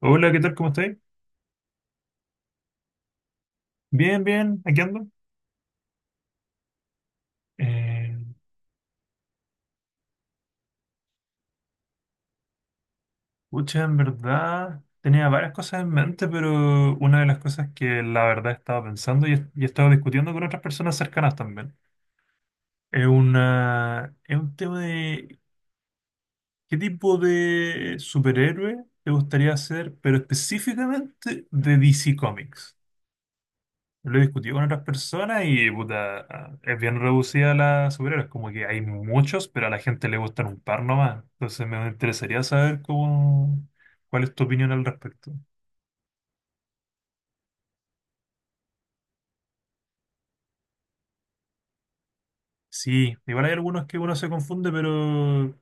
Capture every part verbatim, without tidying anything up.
Hola, ¿qué tal? ¿Cómo estáis? Bien, bien, aquí ando. Eh, Pucha, en verdad tenía varias cosas en mente, pero una de las cosas que la verdad he estado pensando y he, y he estado discutiendo con otras personas cercanas también es una, es un tema de qué tipo de superhéroe te gustaría ser, pero específicamente de D C Comics. Lo he discutido con otras personas y puta, ah, es bien reducida la superhéroes, como que hay muchos, pero a la gente le gustan un par nomás. Entonces me interesaría saber cómo, cuál es tu opinión al respecto. Sí, igual hay algunos que uno se confunde, pero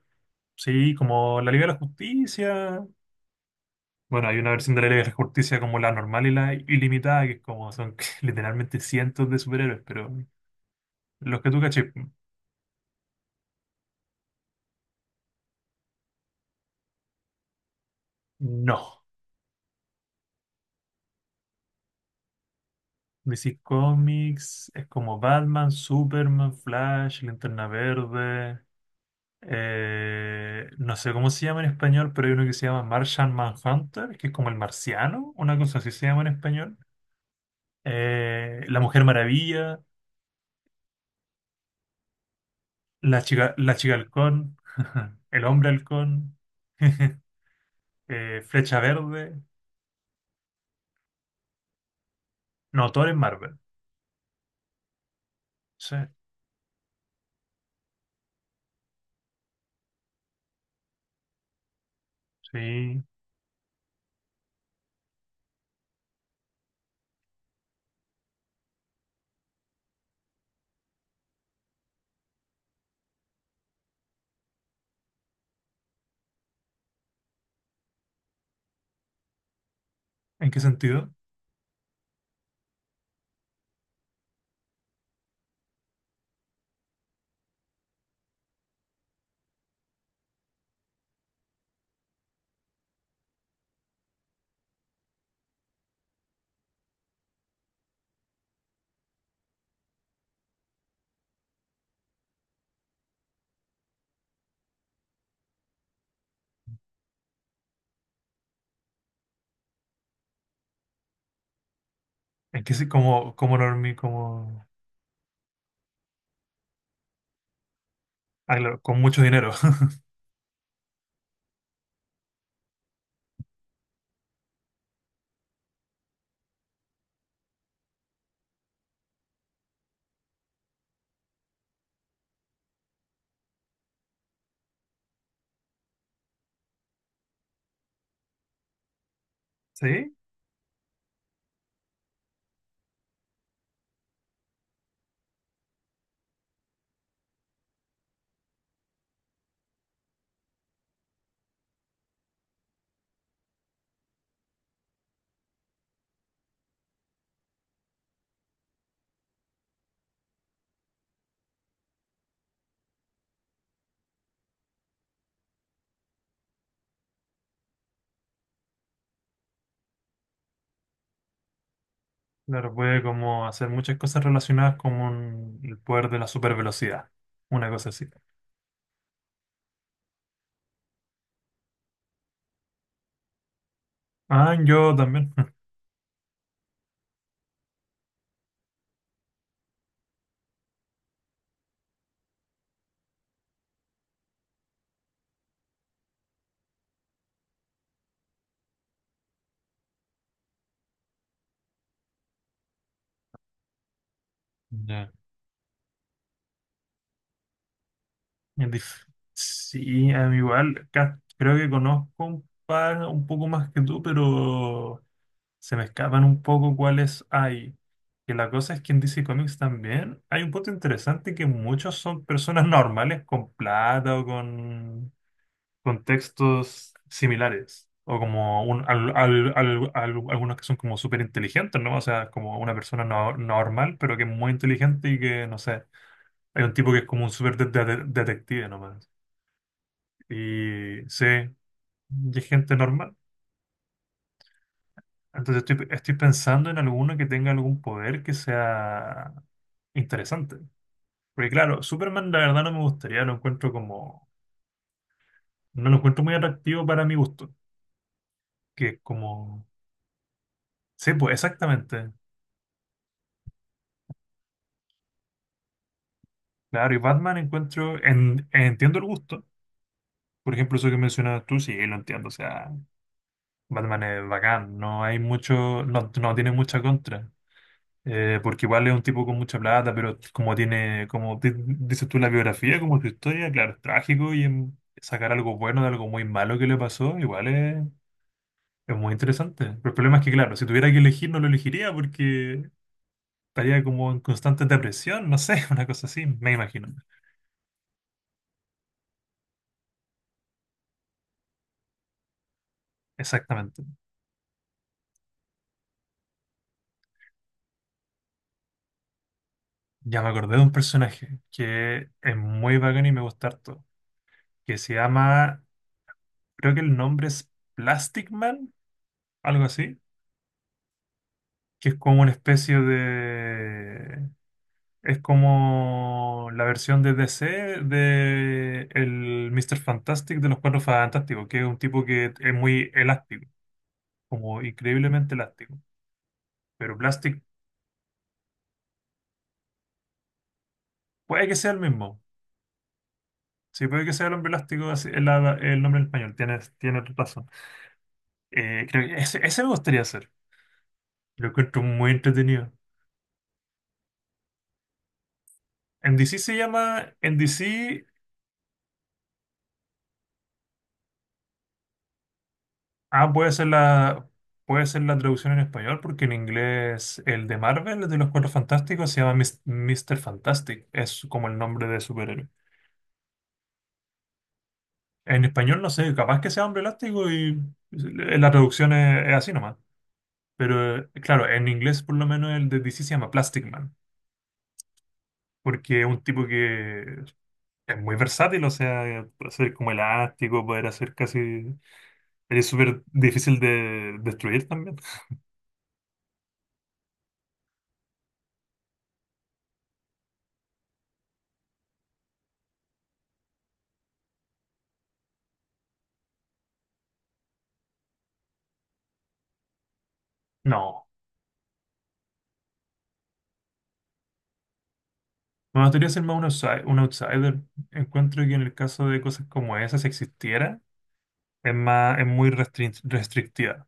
sí, como la Liga de la Justicia. Bueno, hay una versión de la Liga de la Justicia como la normal y la ilimitada, que es como son literalmente cientos de superhéroes, pero los que tú caché, no. D C Comics es como Batman, Superman, Flash, Linterna Verde. Eh, no sé cómo se llama en español, pero hay uno que se llama Martian Manhunter, que es como el marciano, una cosa así se llama en español. eh, La Mujer Maravilla, la chica, la chica halcón, el hombre halcón, eh, Flecha Verde. No, todo es Marvel. Sí, sí. ¿En qué sentido? ¿En qué se- como, como normie, como ah, claro, con mucho dinero? ¿Sí? Claro, puede como hacer muchas cosas relacionadas con un- el poder de la supervelocidad. Una cosa así. Ah, yo también. Ya. Es dif- Sí, a mí igual. ca- Creo que conozco un par un poco más que tú, pero se me escapan un poco cuáles hay. Que la cosa es que en D C Comics también hay un punto interesante que muchos son personas normales con plata o con contextos similares. O como un- al- al- al- al- algunos que son como súper inteligentes, ¿no? O sea, como una persona no, normal, pero que es muy inteligente y que, no sé, hay un tipo que es como un súper de- de- detective nomás. Y sí, y es gente normal. Entonces estoy, estoy pensando en alguno que tenga algún poder que sea interesante. Porque claro, Superman la verdad no me gustaría, lo encuentro como, no lo encuentro muy atractivo para mi gusto. Que es como, sí, pues exactamente. Claro, y Batman encuentro, en- entiendo el gusto. Por ejemplo, eso que mencionabas tú, sí, lo entiendo. O sea, Batman es bacán, no hay mucho, no, no tiene mucha contra. Eh, porque igual es un tipo con mucha plata, pero como tiene, como di- dices tú, la biografía, como su historia, claro, es trágico y en- sacar algo bueno de algo muy malo que le pasó, igual es, es muy interesante. Pero el problema es que, claro, si tuviera que elegir, no lo elegiría porque estaría como en constante depresión, no sé, una cosa así, me imagino. Exactamente. Ya me acordé de un personaje que es muy bacán y me gusta harto, que se llama, creo que el nombre es Plastic Man, algo así, que es como una especie de... Es como la versión de D C de el míster Fantastic de los Cuatro Fantásticos, que es un tipo que es muy elástico, como increíblemente elástico. Pero Plastic puede que sea el mismo. Sí, puede que sea el hombre elástico, así es la- el nombre en español, tienes, tienes razón. Eh, creo que ese, ese me gustaría hacer. Lo encuentro muy entretenido. En D C se llama en D C. Ah, puede ser la, puede ser la traducción en español, porque en inglés el de Marvel, el de los Cuatro Fantásticos, se llama Mis- míster Fantastic. Es como el nombre de superhéroe. En español no sé, capaz que sea Hombre Elástico y la traducción es, es así nomás. Pero eh, claro, en inglés por lo menos el de D C se llama Plastic Man, porque es un tipo que es muy versátil, o sea, puede ser como elástico, poder hacer casi eres súper difícil de destruir también. No, me gustaría ser más un outside- un outsider. Encuentro que en el caso de cosas como esas, si existiera, es más, es muy restrin- restrictiva.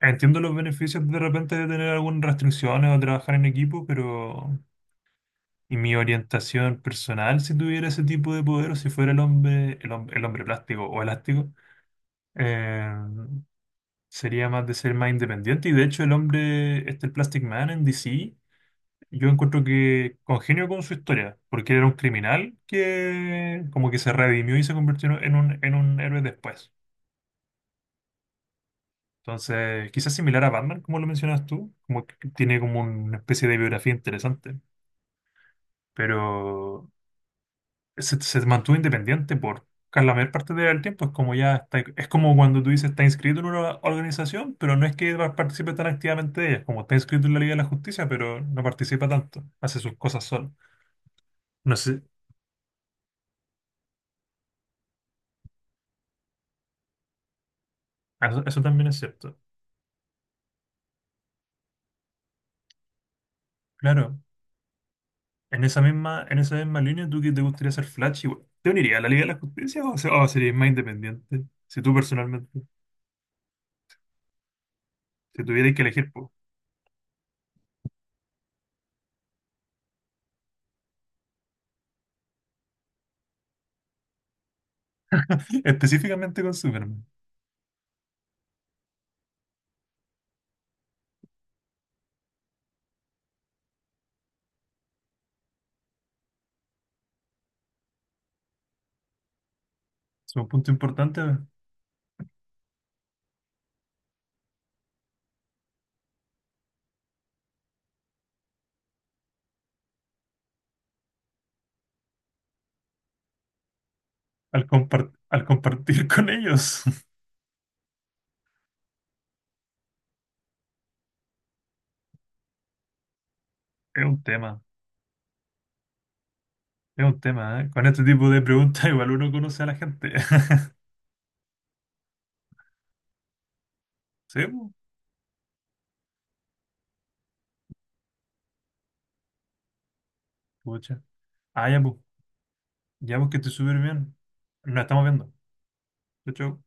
Entiendo los beneficios de repente de tener algunas restricciones o trabajar en equipo, pero y mi orientación personal, si tuviera ese tipo de poder o si fuera el hombre, el, hom- el hombre plástico o elástico, eh, sería más de ser más independiente. Y de hecho, el hombre, este el Plastic Man en D C. Yo encuentro que congenio con su historia, porque era un criminal que como que se redimió y se convirtió en un, en un héroe después. Entonces, quizás similar a Batman, como lo mencionas tú, como que tiene como una especie de biografía interesante, pero se, se mantuvo independiente por casi la mayor parte del tiempo. Es como ya está, es como cuando tú dices está inscrito en una organización, pero no es que va- participe tan activamente de ella, como está inscrito en la Liga de la Justicia, pero no participa tanto, hace sus cosas solo. No sé, eso eso también es cierto. Claro, en esa misma, en esa misma línea, ¿tú que te gustaría ser Flash igual? ¿Te unirías a la Liga de la Justicia o, se- o serías más independiente? Si tú personalmente, si tuvierais que elegir, po. Específicamente con Superman. Es un punto importante al, compar- al compartir con ellos. Es un tema, es un tema, ¿eh? Con este tipo de preguntas igual uno conoce a la gente. Sí, po. Pucha. Ah, ya, pues. Ya, pues que estés súper bien. Nos estamos viendo. Chau, chau.